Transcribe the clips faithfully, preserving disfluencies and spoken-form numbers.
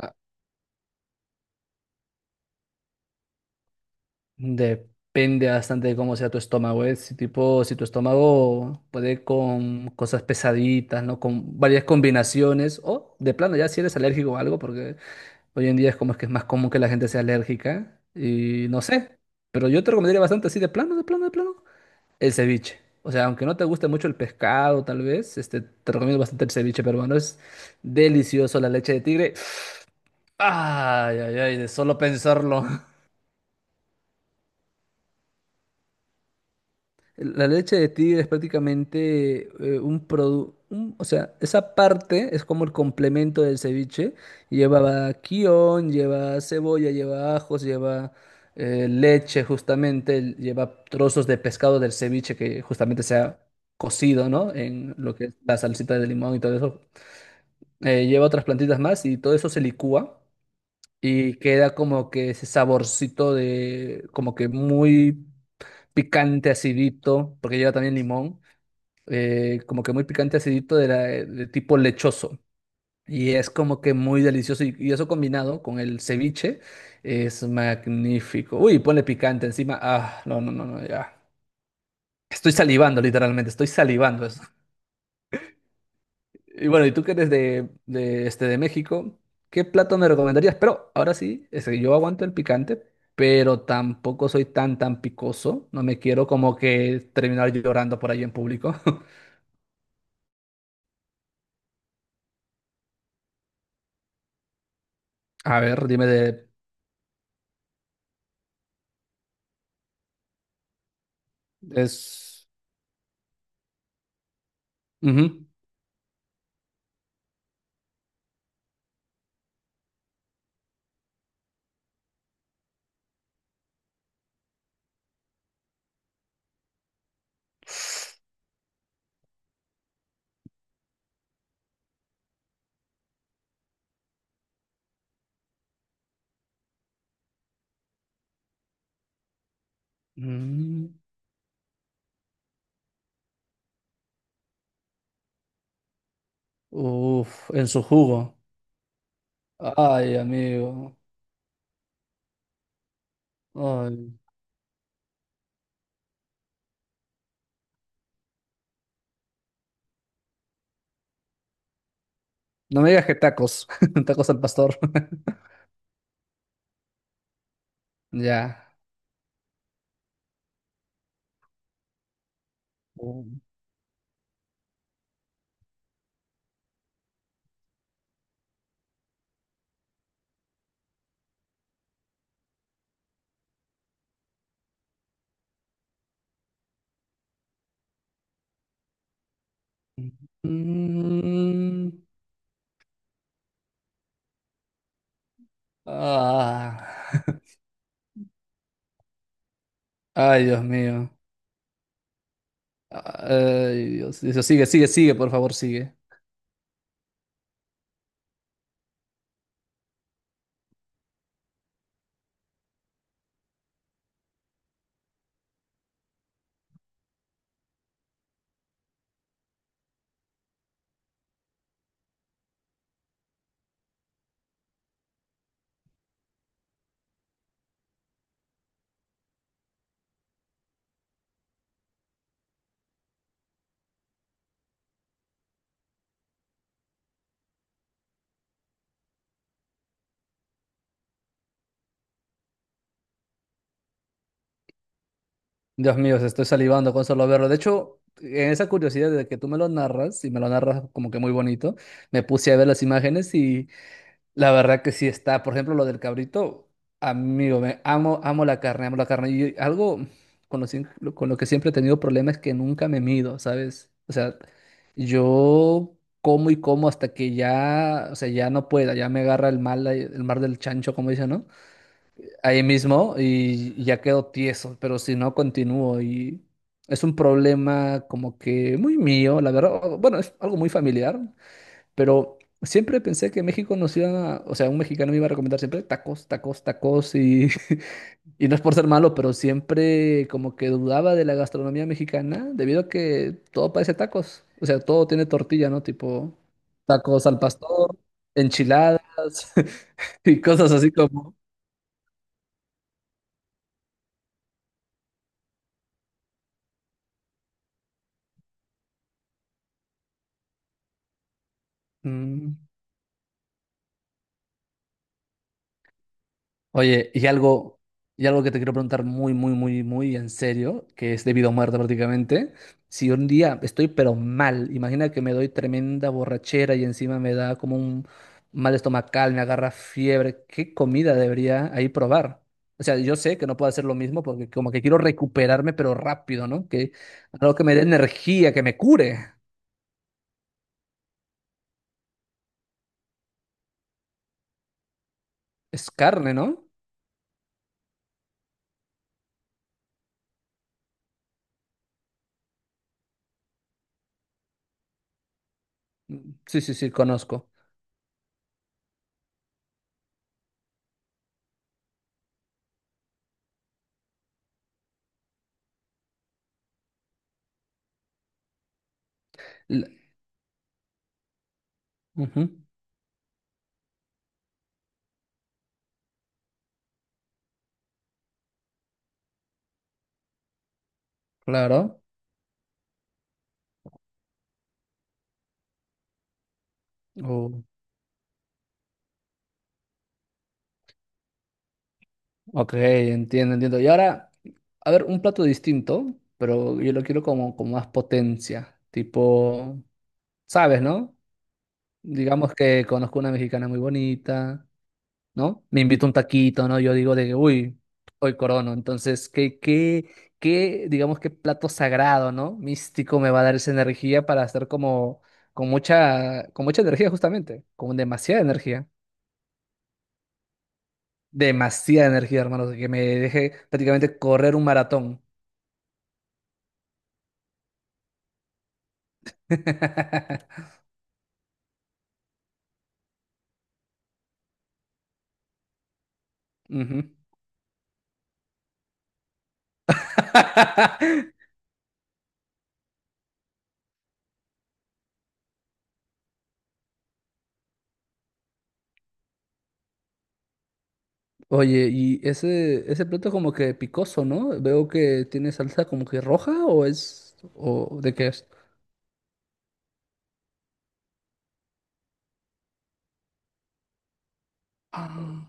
Ah, depende bastante de cómo sea tu estómago, ¿eh? Si tipo, si tu estómago puede con cosas pesaditas, ¿no? Con varias combinaciones, o de plano ya si eres alérgico o algo, porque hoy en día es como es que es más común que la gente sea alérgica, y no sé, pero yo te recomendaría bastante así de plano, de plano, de plano, el ceviche. O sea, aunque no te guste mucho el pescado, tal vez, este, te recomiendo bastante el ceviche peruano, es delicioso la leche de tigre. Ay, ay, ay, de solo pensarlo. La leche de tigre es prácticamente eh, un producto, o sea, esa parte es como el complemento del ceviche. Lleva kion, lleva cebolla, lleva ajos, lleva eh, leche justamente, l- lleva trozos de pescado del ceviche que justamente se ha cocido, ¿no? En lo que es la salsita de limón y todo eso. Eh, lleva otras plantitas más y todo eso se licúa y queda como que ese saborcito de, como que muy picante, acidito, porque lleva también limón eh, como que muy picante acidito de, la- eh, de tipo lechoso. Y es como que muy delicioso. Y, y eso combinado con el ceviche es magnífico. Uy, ponle picante encima. Ah, no, no, no, no, ya. Estoy salivando, literalmente, estoy salivando eso. Y bueno, y tú que eres de, de, este, de México, ¿qué plato me recomendarías? Pero ahora sí, es que yo aguanto el picante, pero tampoco soy tan, tan picoso. No me quiero como que terminar llorando por ahí en público. A ver, dime de... Es. Ujú. Mm. Uf, en su jugo. Ay, amigo. Ay. No me digas que tacos. Tacos al pastor. Ya. Mm, ah. Ay, Dios mío. Ay, Dios. Dios, sigue, sigue, sigue, por favor, sigue. Dios mío, se estoy salivando con solo verlo. De hecho, en esa curiosidad de que tú me lo narras, y me lo narras como que muy bonito, me puse a ver las imágenes. La verdad que sí está. Por ejemplo, lo del cabrito, amigo, me amo, amo la carne, amo la carne. Y algo con lo, siem- con lo que siempre he tenido problemas es que nunca me mido, ¿sabes? O sea, yo como y como hasta que ya, o sea, ya no pueda, ya me agarra el mal, ahí- el mar del chancho, como dicen, ¿no? Ahí mismo y y ya quedo tieso, pero si no, continúo y es un problema como que muy mío, la verdad. o- Bueno, es algo muy familiar. Pero siempre pensé que México nos iba a, o sea, un mexicano me iba a recomendar siempre tacos, tacos, tacos y, y no es por ser malo, pero siempre como que dudaba de la gastronomía mexicana debido a que todo parece tacos. O sea, todo tiene tortilla, ¿no? Tipo tacos al pastor, enchiladas y cosas así como... Mm. Oye, y algo, y algo que te quiero preguntar muy, muy, muy, muy en serio, que es debido a muerte prácticamente. Si un día estoy pero mal, imagina que me doy tremenda borrachera y encima me da como un mal estomacal, me agarra fiebre, ¿qué comida debería ahí probar? O sea, yo sé que no puedo hacer lo mismo porque como que quiero recuperarme pero rápido, ¿no? Que algo que me dé energía, que me cure. Es carne, ¿no? Sí, sí, sí, conozco. L. Ujú, claro. Oh. Ok, entiendo, entiendo. Y ahora, a ver, un plato distinto, pero yo lo quiero como con más potencia. Tipo, ¿sabes, no? Digamos que conozco una mexicana muy bonita, ¿no? Me invito un taquito, ¿no? Yo digo de que, uy, hoy corono. Entonces, ¿qué, qué, qué, digamos, ¿qué plato sagrado, ¿no? místico me va a dar esa energía para hacer como, con mucha, con mucha energía justamente, con demasiada energía. Demasiada energía, hermanos, que me deje prácticamente correr un maratón. Ujú. Oye, y ese, ese plato como que picoso, ¿no? Veo que tiene salsa como que roja o es, o de qué es. Ah.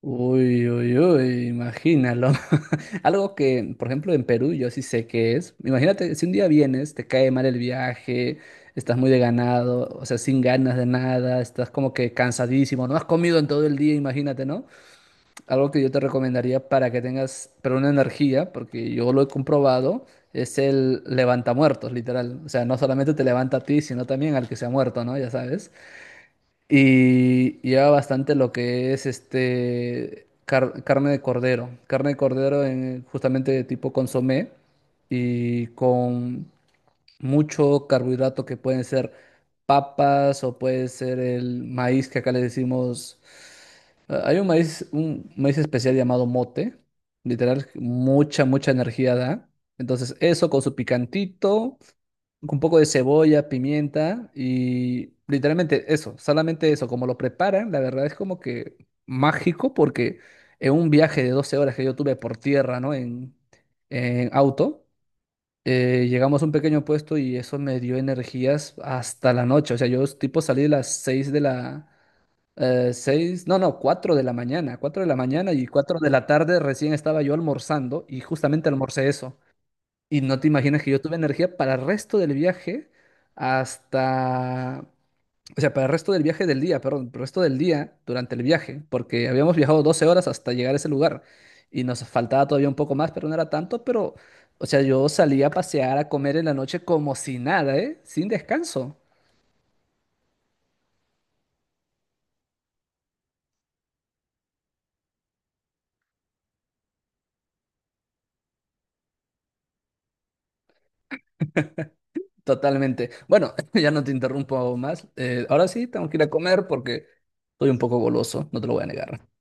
Uy, uy, uy, imagínalo. Algo que, por ejemplo, en Perú yo sí sé qué es. Imagínate, si un día vienes, te cae mal el viaje, estás muy deganado, o sea, sin ganas de nada, estás como que cansadísimo, no has comido en todo el día, imagínate, ¿no? Algo que yo te recomendaría para que tengas, pero una energía, porque yo lo he comprobado, es el levantamuertos, literal. O sea, no solamente te levanta a ti, sino también al que se ha muerto, ¿no? Ya sabes. Y lleva bastante lo que es este car- carne de cordero. Carne de cordero en, justamente de tipo consomé y con mucho carbohidrato que pueden ser papas o puede ser el maíz que acá le decimos. eh, Hay un maíz, un maíz especial llamado mote, literal, mucha, mucha energía da. Entonces, eso con su picantito, con un poco de cebolla, pimienta y literalmente eso, solamente eso, como lo preparan, la verdad es como que mágico porque en un viaje de doce horas que yo tuve por tierra, ¿no? En, en auto, eh, llegamos a un pequeño puesto y eso me dio energías hasta la noche. O sea, yo tipo salí de las seis de la... eh, seis, no, no, cuatro de la mañana, cuatro de la mañana y cuatro de la tarde recién estaba yo almorzando y justamente almorcé eso. Y no te imaginas que yo tuve energía para el resto del viaje hasta o sea, para el resto del viaje del día, perdón, para el resto del día durante el viaje, porque habíamos viajado doce horas hasta llegar a ese lugar y nos faltaba todavía un poco más, pero no era tanto, pero, o sea, yo salía a pasear, a comer en la noche como si nada, ¿eh? Sin descanso, totalmente. Bueno, ya no te interrumpo más. Eh, ahora sí, tengo que ir a comer porque estoy un poco goloso, no te lo voy a negar.